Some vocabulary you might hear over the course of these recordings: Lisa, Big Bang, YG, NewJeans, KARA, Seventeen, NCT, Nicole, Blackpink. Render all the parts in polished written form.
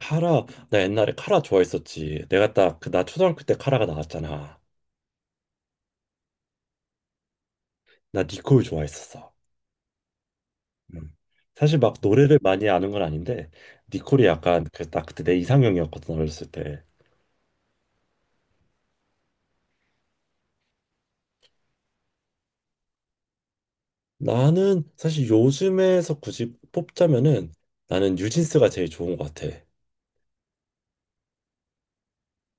카라. 나 옛날에 카라 좋아했었지. 내가 딱 나 초등학교 때 카라가 나왔잖아. 나 니콜 좋아했었어. 음. 사실 막 노래를 많이 아는 건 아닌데, 니콜이 약간 딱 그때 내 이상형이었거든, 어렸을 때. 나는 사실 요즘에서 굳이 뽑자면은, 나는 뉴진스가 제일 좋은 것 같아.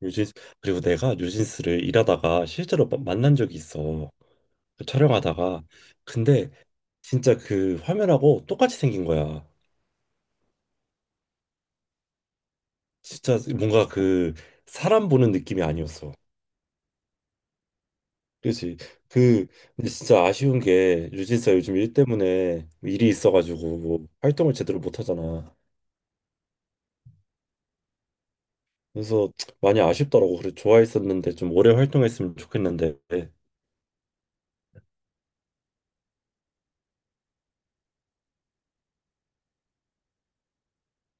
뉴진스. 그리고 내가 뉴진스를 일하다가 실제로 만난 적이 있어. 그 촬영하다가. 근데 진짜 그 화면하고 똑같이 생긴 거야. 진짜 뭔가 그 사람 보는 느낌이 아니었어. 그렇지. 그 근데 진짜 아쉬운 게 유진스가 요즘 일 때문에 일이 있어가지고 뭐 활동을 제대로 못 하잖아. 그래서 많이 아쉽더라고. 그래 좋아했었는데 좀 오래 활동했으면 좋겠는데.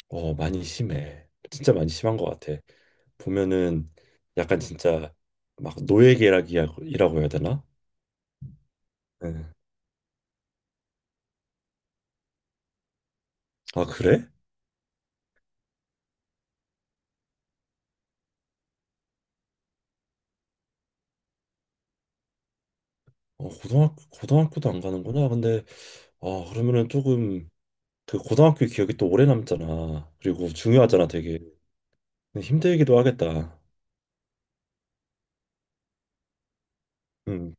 어, 많이 심해. 진짜 많이 심한 것 같아. 보면은 약간 진짜 막 노예계약이라고 해야 되나? 응. 아, 그래? 어, 고등학교도 안 가는구나. 근데, 아, 그러면은 조금, 그 고등학교 기억이 또 오래 남잖아. 그리고 중요하잖아, 되게. 힘들기도 하겠다. 음,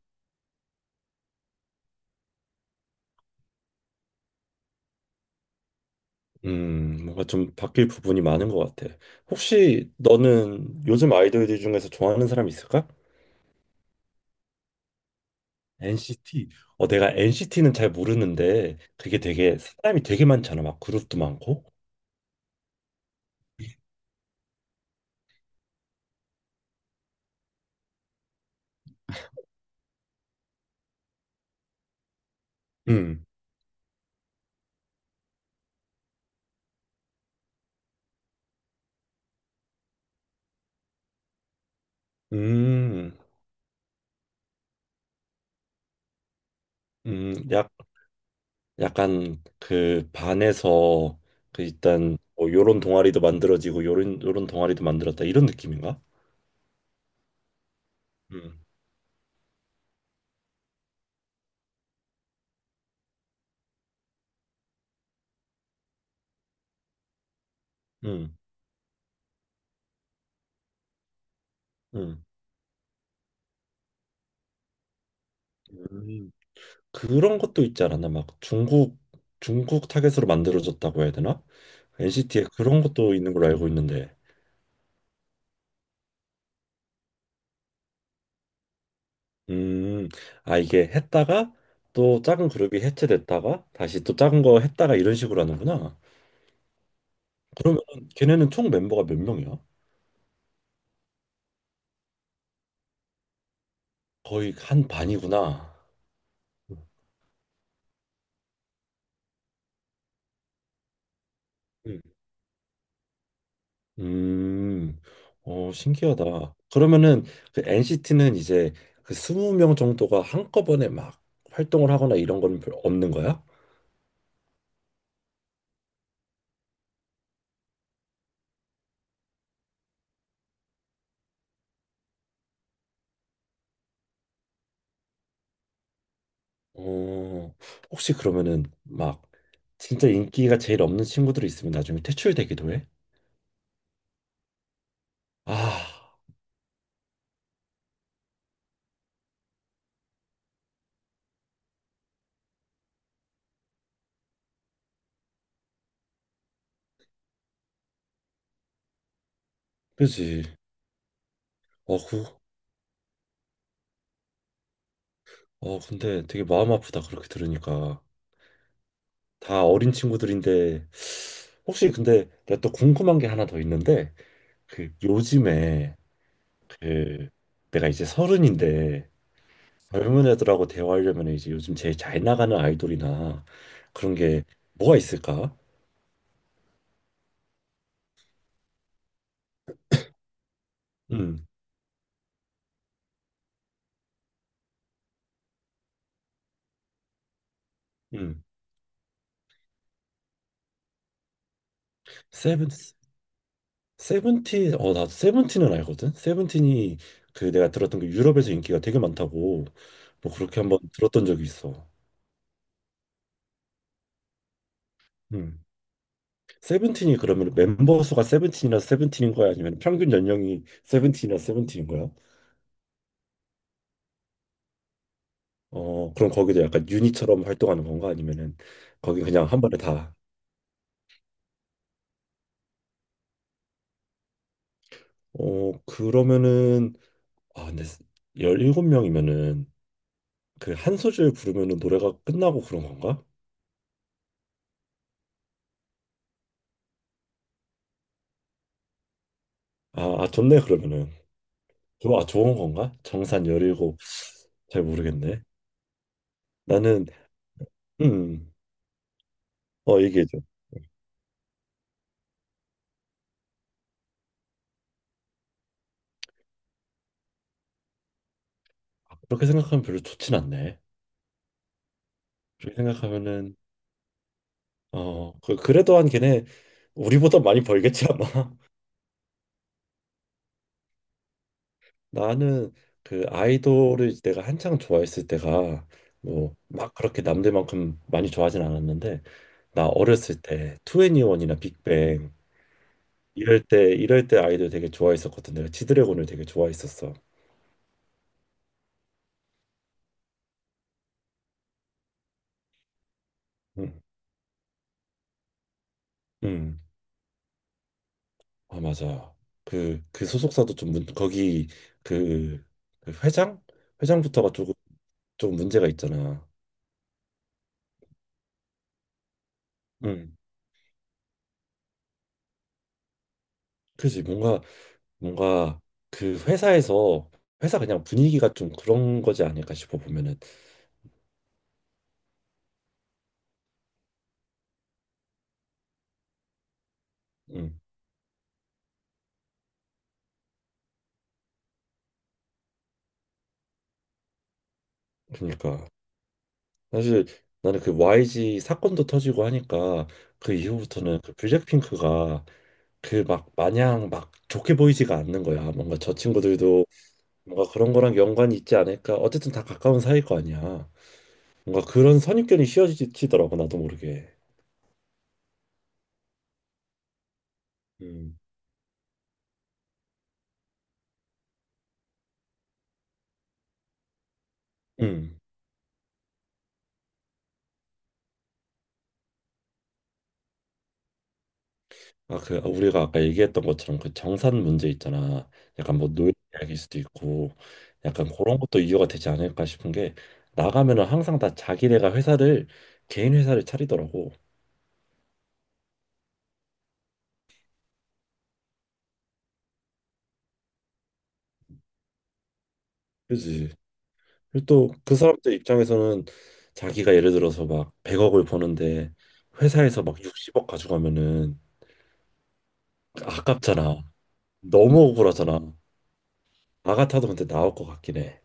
뭔가 좀 바뀔 부분이 많은 것 같아. 혹시 너는 요즘 아이돌들 중에서 좋아하는 사람 있을까? NCT. 어, 내가 NCT는 잘 모르는데 그게 되게 사람이 되게 많잖아. 막 그룹도 많고. 음, 음, 약 약간 그 반에서, 그 일단 뭐 요런 동아리도 만들어지고 요런 요런 동아리도 만들었다, 이런 느낌인가? 음. 음. 음. 음. 그런 것도 있지 않았나? 막 중국 타겟으로 만들어졌다고 해야 되나? NCT에 그런 것도 있는 걸로 알고 있는데. 음. 아, 이게 했다가 또 작은 그룹이 해체됐다가 다시 또 작은 거 했다가 이런 식으로 하는구나. 그러면 걔네는 총 멤버가 몇 명이야? 거의 한 반이구나. 음. 음. 어, 신기하다. 그러면은 그 NCT는 이제 그 20명 정도가 한꺼번에 막 활동을 하거나 이런 건 없는 거야? 어, 혹시 그러면은 막 진짜 인기가 제일 없는 친구들이 있으면 나중에 퇴출되기도 해? 아, 그지. 어, 그, 어, 근데 되게 마음 아프다. 그렇게 들으니까. 다 어린 친구들인데, 혹시 근데 내가 또 궁금한 게 하나 더 있는데, 그 요즘에, 그 내가 이제 30인데, 젊은 애들하고 대화하려면 이제 요즘 제일 잘 나가는 아이돌이나 그런 게 뭐가 있을까? 음, 음. 세븐, 세븐틴, 어, 나 세븐틴은 알거든? 세븐틴이, 그 내가 들었던 게 유럽에서 인기가 되게 많다고, 뭐 그렇게 한번 들었던 적이 있어. 음. 세븐틴이 그러면 멤버 수가 세븐틴이나 세븐틴인 거야? 아니면 평균 연령이 세븐틴이나 세븐틴인 거야? 어, 그럼 거기도 약간 유닛처럼 활동하는 건가? 아니면은 거기 그냥 한 번에 다. 어, 그러면은, 아, 근데 17명이면은 그 한 소절 부르면은 노래가 끝나고 그런 건가? 아, 아 좋네, 그러면은. 좋아, 좋은 건가? 정산 17, 잘 모르겠네. 나는, 음, 어 얘기해줘. 아, 그렇게 생각하면 별로 좋진 않네. 그렇게 생각하면은, 어, 그래도 한 걔네 우리보다 많이 벌겠지 아마. 나는 그 아이돌을 내가 한창 좋아했을 때가, 뭐 막 그렇게 남들만큼 많이 좋아하진 않았는데, 나 어렸을 때 투애니원이나 빅뱅 이럴 때 이럴 때 아이돌 되게 좋아했었거든. 내가 지드래곤을 되게 좋아했었어. 음, 음. 아 맞아, 그 소속사도 좀 거기, 그, 그 회장, 회장부터가 조금 좀 문제가 있잖아. 응, 그지. 뭔가 그 회사에서, 회사 그냥 분위기가 좀 그런 거지 않을까 싶어, 보면은. 응, 그러니까 사실 나는 그 YG 사건도 터지고 하니까 그 이후부터는 그 블랙핑크가 그 막 마냥 막 좋게 보이지가 않는 거야. 뭔가 저 친구들도 뭔가 그런 거랑 연관이 있지 않을까. 어쨌든 다 가까운 사이일 거 아니야. 뭔가 그런 선입견이 씌워지더라고, 나도 모르게. 음. 음. 아, 우리가 아까 얘기했던 것처럼 그 정산 문제 있잖아. 약간 뭐 노예 이야기일 수도 있고, 약간 그런 것도 이유가 되지 않을까 싶은 게, 나가면은 항상 다 자기네가 회사를, 개인 회사를 차리더라고. 그지. 그리고 또 그 사람들 입장에서는 자기가 예를 들어서 막 100억을 버는데 회사에서 막 60억 가져가면은 아깝잖아. 너무 억울하잖아. 나 같아도 근데 나올 것 같긴 해.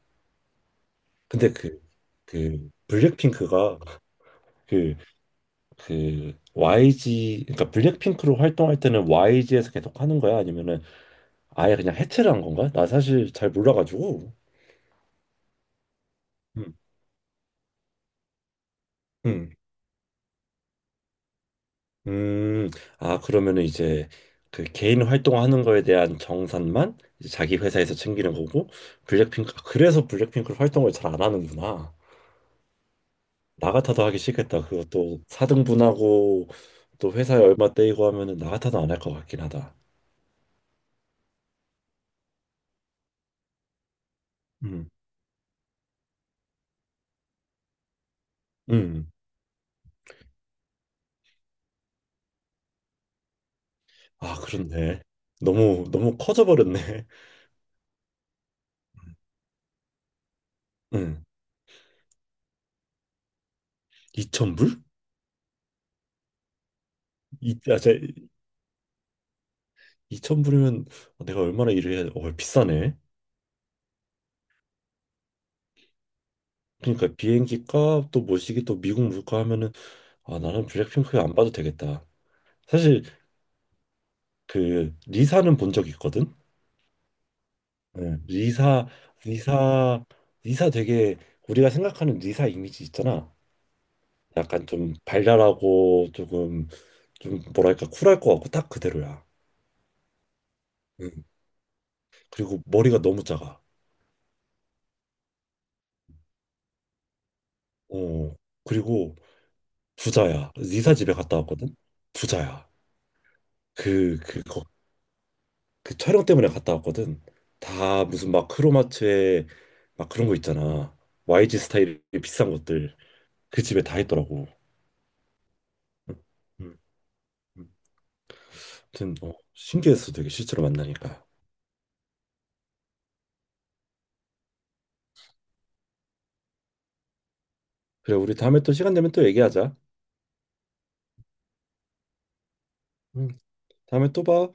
근데 그 블랙핑크가, 그 그 YG, 그러니까 블랙핑크로 활동할 때는 YG에서 계속 하는 거야? 아니면은 아예 그냥 해체를 한 건가? 나 사실 잘 몰라가지고. 음. 음. 음. 아, 그러면은 이제 그 개인 활동하는 거에 대한 정산만 이제 자기 회사에서 챙기는 거고, 블랙핑크, 아, 그래서 블랙핑크로 활동을 잘 안 하는구나. 나 같아도 하기 싫겠다. 그것도 사등분하고 또 회사에 얼마 떼이고 하면은 나 같아도 안 할 것 같긴 하다. 음. 음. 아, 그렇네. 너무 너무 커져 버렸네. 응. 2천불. 제2천불이면 내가 얼마나 일을 해야 돼? 어, 비싸네. 그러니까 비행기 값, 또 모시기, 또 미국 물가 하면은, 아, 나는 블랙핑크 안 봐도 되겠다. 사실 그 리사는 본 적 있거든. 네. 리사. 리사 리사 되게, 우리가 생각하는 리사 이미지 있잖아. 약간 좀 발랄하고, 조금 좀 뭐랄까 쿨할 것 같고, 딱 그대로야. 응. 그리고 머리가 너무 작아. 어, 그리고 부자야. 리사 집에 갔다 왔거든? 부자야. 그, 그, 거, 그 촬영 때문에 갔다 왔거든. 다 무슨 막 크로마트에 막 그런 거 있잖아. YG 스타일의 비싼 것들. 그 집에 다 있더라고. 음, 응, 응. 아무튼, 어, 신기했어. 되게 실제로 만나니까. 그래, 우리 다음에 또 시간 되면 또 얘기하자. 응, 다음에 또 봐.